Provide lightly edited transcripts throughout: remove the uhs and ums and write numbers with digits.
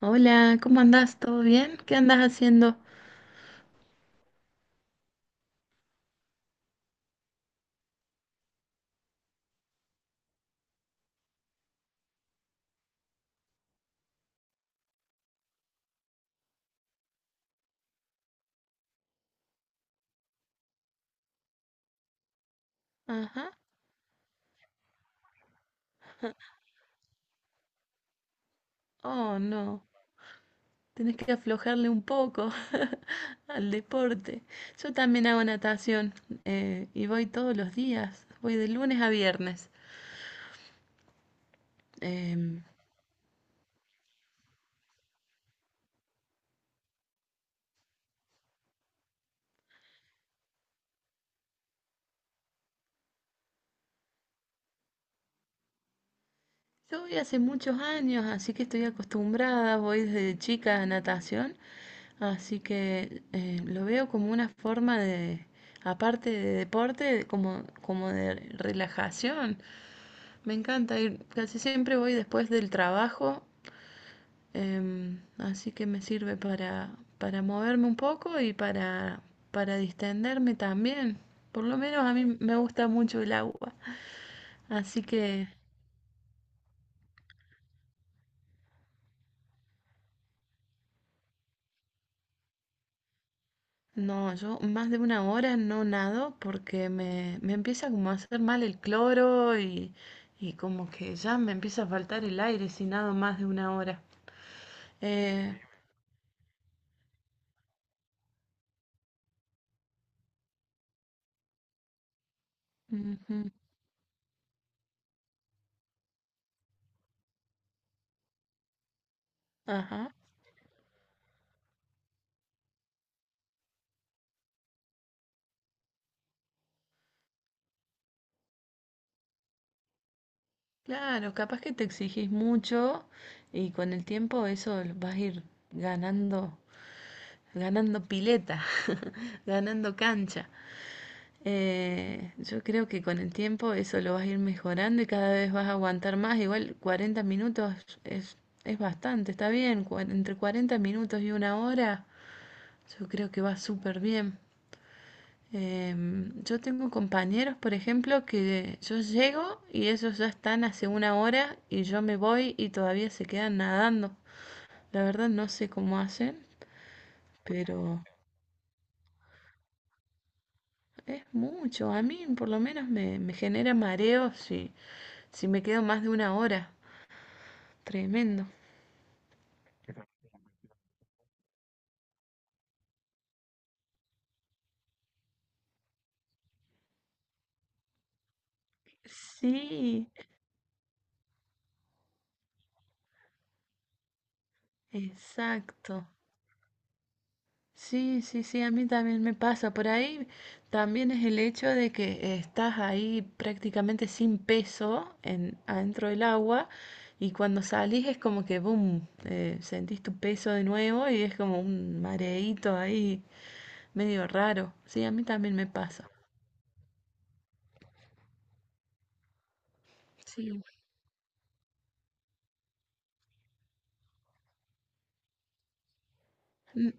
Hola, ¿cómo andás? ¿Todo bien? ¿Qué andás haciendo? Ajá. Oh, no. Tenés que aflojarle un poco al deporte. Yo también hago natación y voy todos los días. Voy de lunes a viernes. Em, yo voy hace muchos años, así que estoy acostumbrada. Voy desde chica a natación. Así que lo veo como una forma de, aparte de deporte, como de relajación. Me encanta ir, casi siempre voy después del trabajo, así que me sirve para moverme un poco y para distenderme también. Por lo menos a mí me gusta mucho el agua, así que no, yo más de 1 hora no nado porque me empieza como a hacer mal el cloro y como que ya me empieza a faltar el aire si nado más de 1 hora. Eh, Ujú, ajá. Claro, capaz que te exigís mucho y con el tiempo eso lo vas a ir ganando, ganando pileta, ganando cancha. Yo creo que con el tiempo eso lo vas a ir mejorando y cada vez vas a aguantar más. Igual 40 minutos es, es bastante, está bien. Entre 40 minutos y 1 hora, yo creo que va súper bien. Yo tengo compañeros, por ejemplo, que yo llego y ellos ya están hace 1 hora y yo me voy y todavía se quedan nadando. La verdad no sé cómo hacen, pero es mucho. A mí por lo menos me genera mareo si me quedo más de 1 hora. Tremendo. Sí, exacto. Sí, sí, sí, a mí también me pasa. Por ahí también es el hecho de que estás ahí prácticamente sin peso adentro del agua y cuando salís es como que, boom, sentís tu peso de nuevo y es como un mareíto ahí medio raro. Sí, a mí también me pasa. Sí. Mm,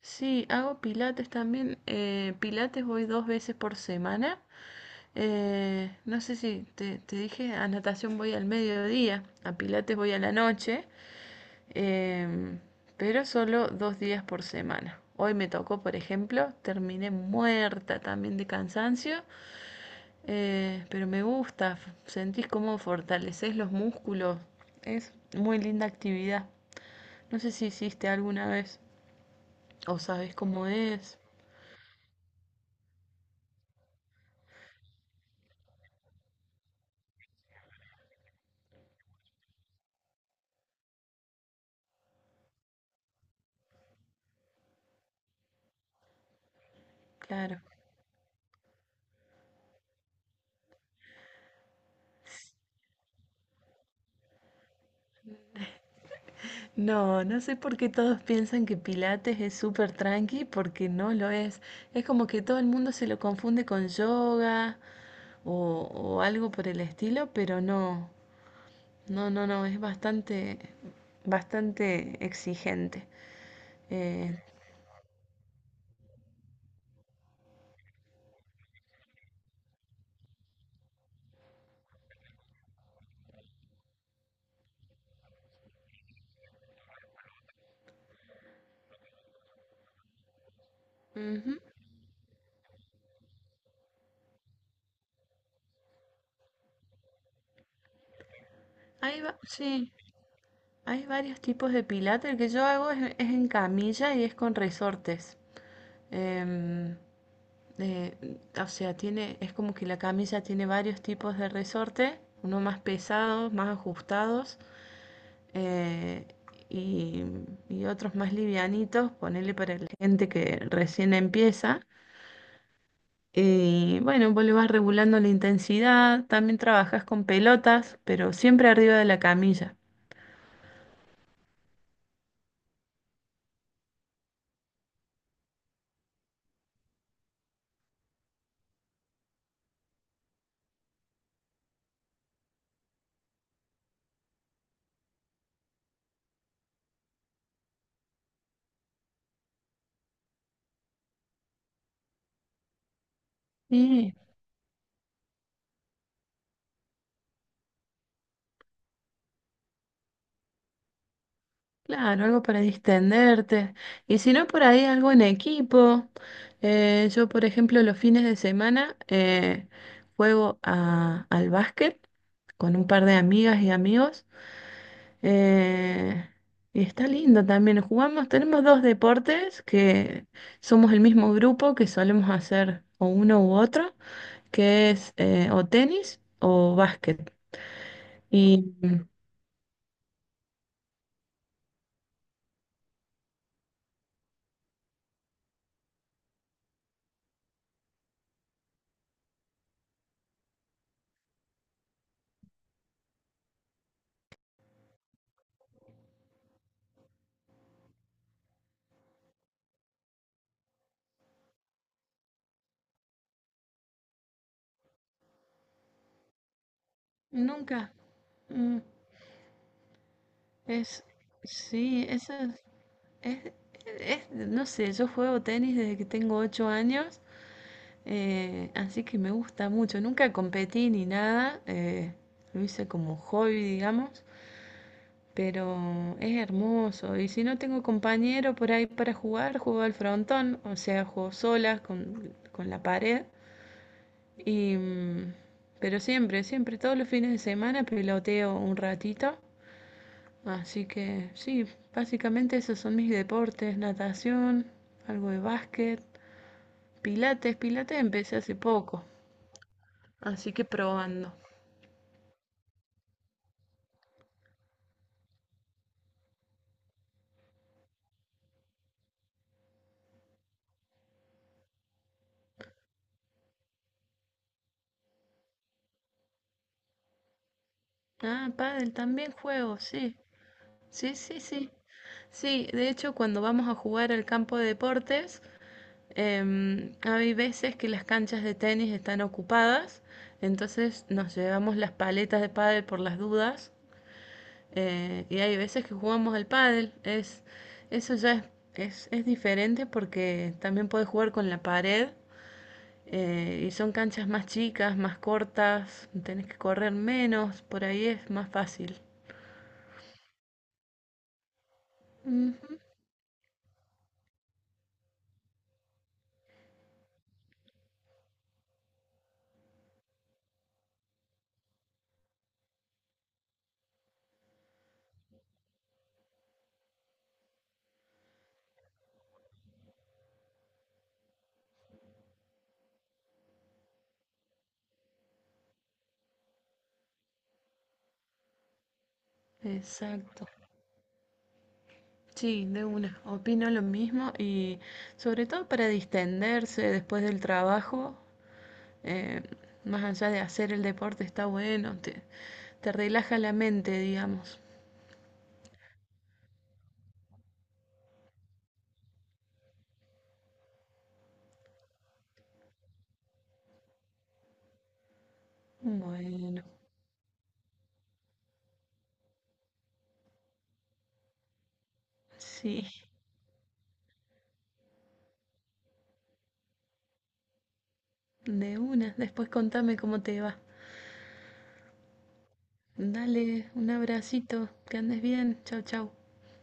Sí, hago pilates también. Pilates voy 2 veces por semana. No sé si te dije, a natación voy al mediodía, a pilates voy a la noche. Em, pero solo 2 días por semana. Hoy me tocó, por ejemplo, terminé muerta también de cansancio, pero me gusta, sentís cómo fortaleces los músculos. Es muy linda actividad. No sé si hiciste alguna vez o sabes cómo es. Claro. No, no sé por qué todos piensan que Pilates es súper tranqui, porque no lo es. Es como que todo el mundo se lo confunde con yoga o, o algo por el estilo, pero no. No, no, no, es bastante, bastante exigente. Eh, Ujú. Sí, hay varios tipos de pilates. El que yo hago es en camilla y es con resortes. Em, eh, o sea, es como que la camilla tiene varios tipos de resorte, unos más pesados, más ajustados eh, y, y otros más livianitos, ponerle para la gente que recién empieza. Bueno, vos le vas regulando la intensidad, también trabajas con pelotas, pero siempre arriba de la camilla. Y claro, algo para distenderte. Y si no, por ahí algo en equipo. Yo, por ejemplo, los fines de semana juego al básquet con un par de amigas y amigos. eh, y está lindo también. Jugamos, tenemos dos deportes que somos el mismo grupo que solemos hacer o uno u otro, que es o tenis o básquet. Y nunca. mm, es, sí, eso es- es- no sé, yo juego tenis desde que tengo 8 años, así que me gusta mucho. Nunca competí ni nada, lo hice como hobby, digamos, pero es hermoso. Y si no tengo compañero por ahí para jugar, juego al frontón, o sea, juego sola con la pared. Y, pero siempre, siempre, todos los fines de semana peloteo un ratito. Así que sí, básicamente esos son mis deportes, natación, algo de básquet, pilates, pilates empecé hace poco, así que probando. Ah, pádel también juego, sí. Sí, sí, sí. Sí, de hecho cuando vamos a jugar al campo de deportes, hay veces que las canchas de tenis están ocupadas, entonces nos llevamos las paletas de pádel por las dudas, y hay veces que jugamos al pádel. Eso ya es diferente porque también puedes jugar con la pared, y son canchas más chicas, más cortas, tenés que correr menos, por ahí es más fácil. Ujú, exacto. Sí, de una. Opino lo mismo y sobre todo para distenderse después del trabajo, eh, más allá de hacer el deporte está bueno, te relaja la mente, digamos. Bueno, sí. De una, después contame cómo te va. Dale, un abracito, que andes bien, chau chau.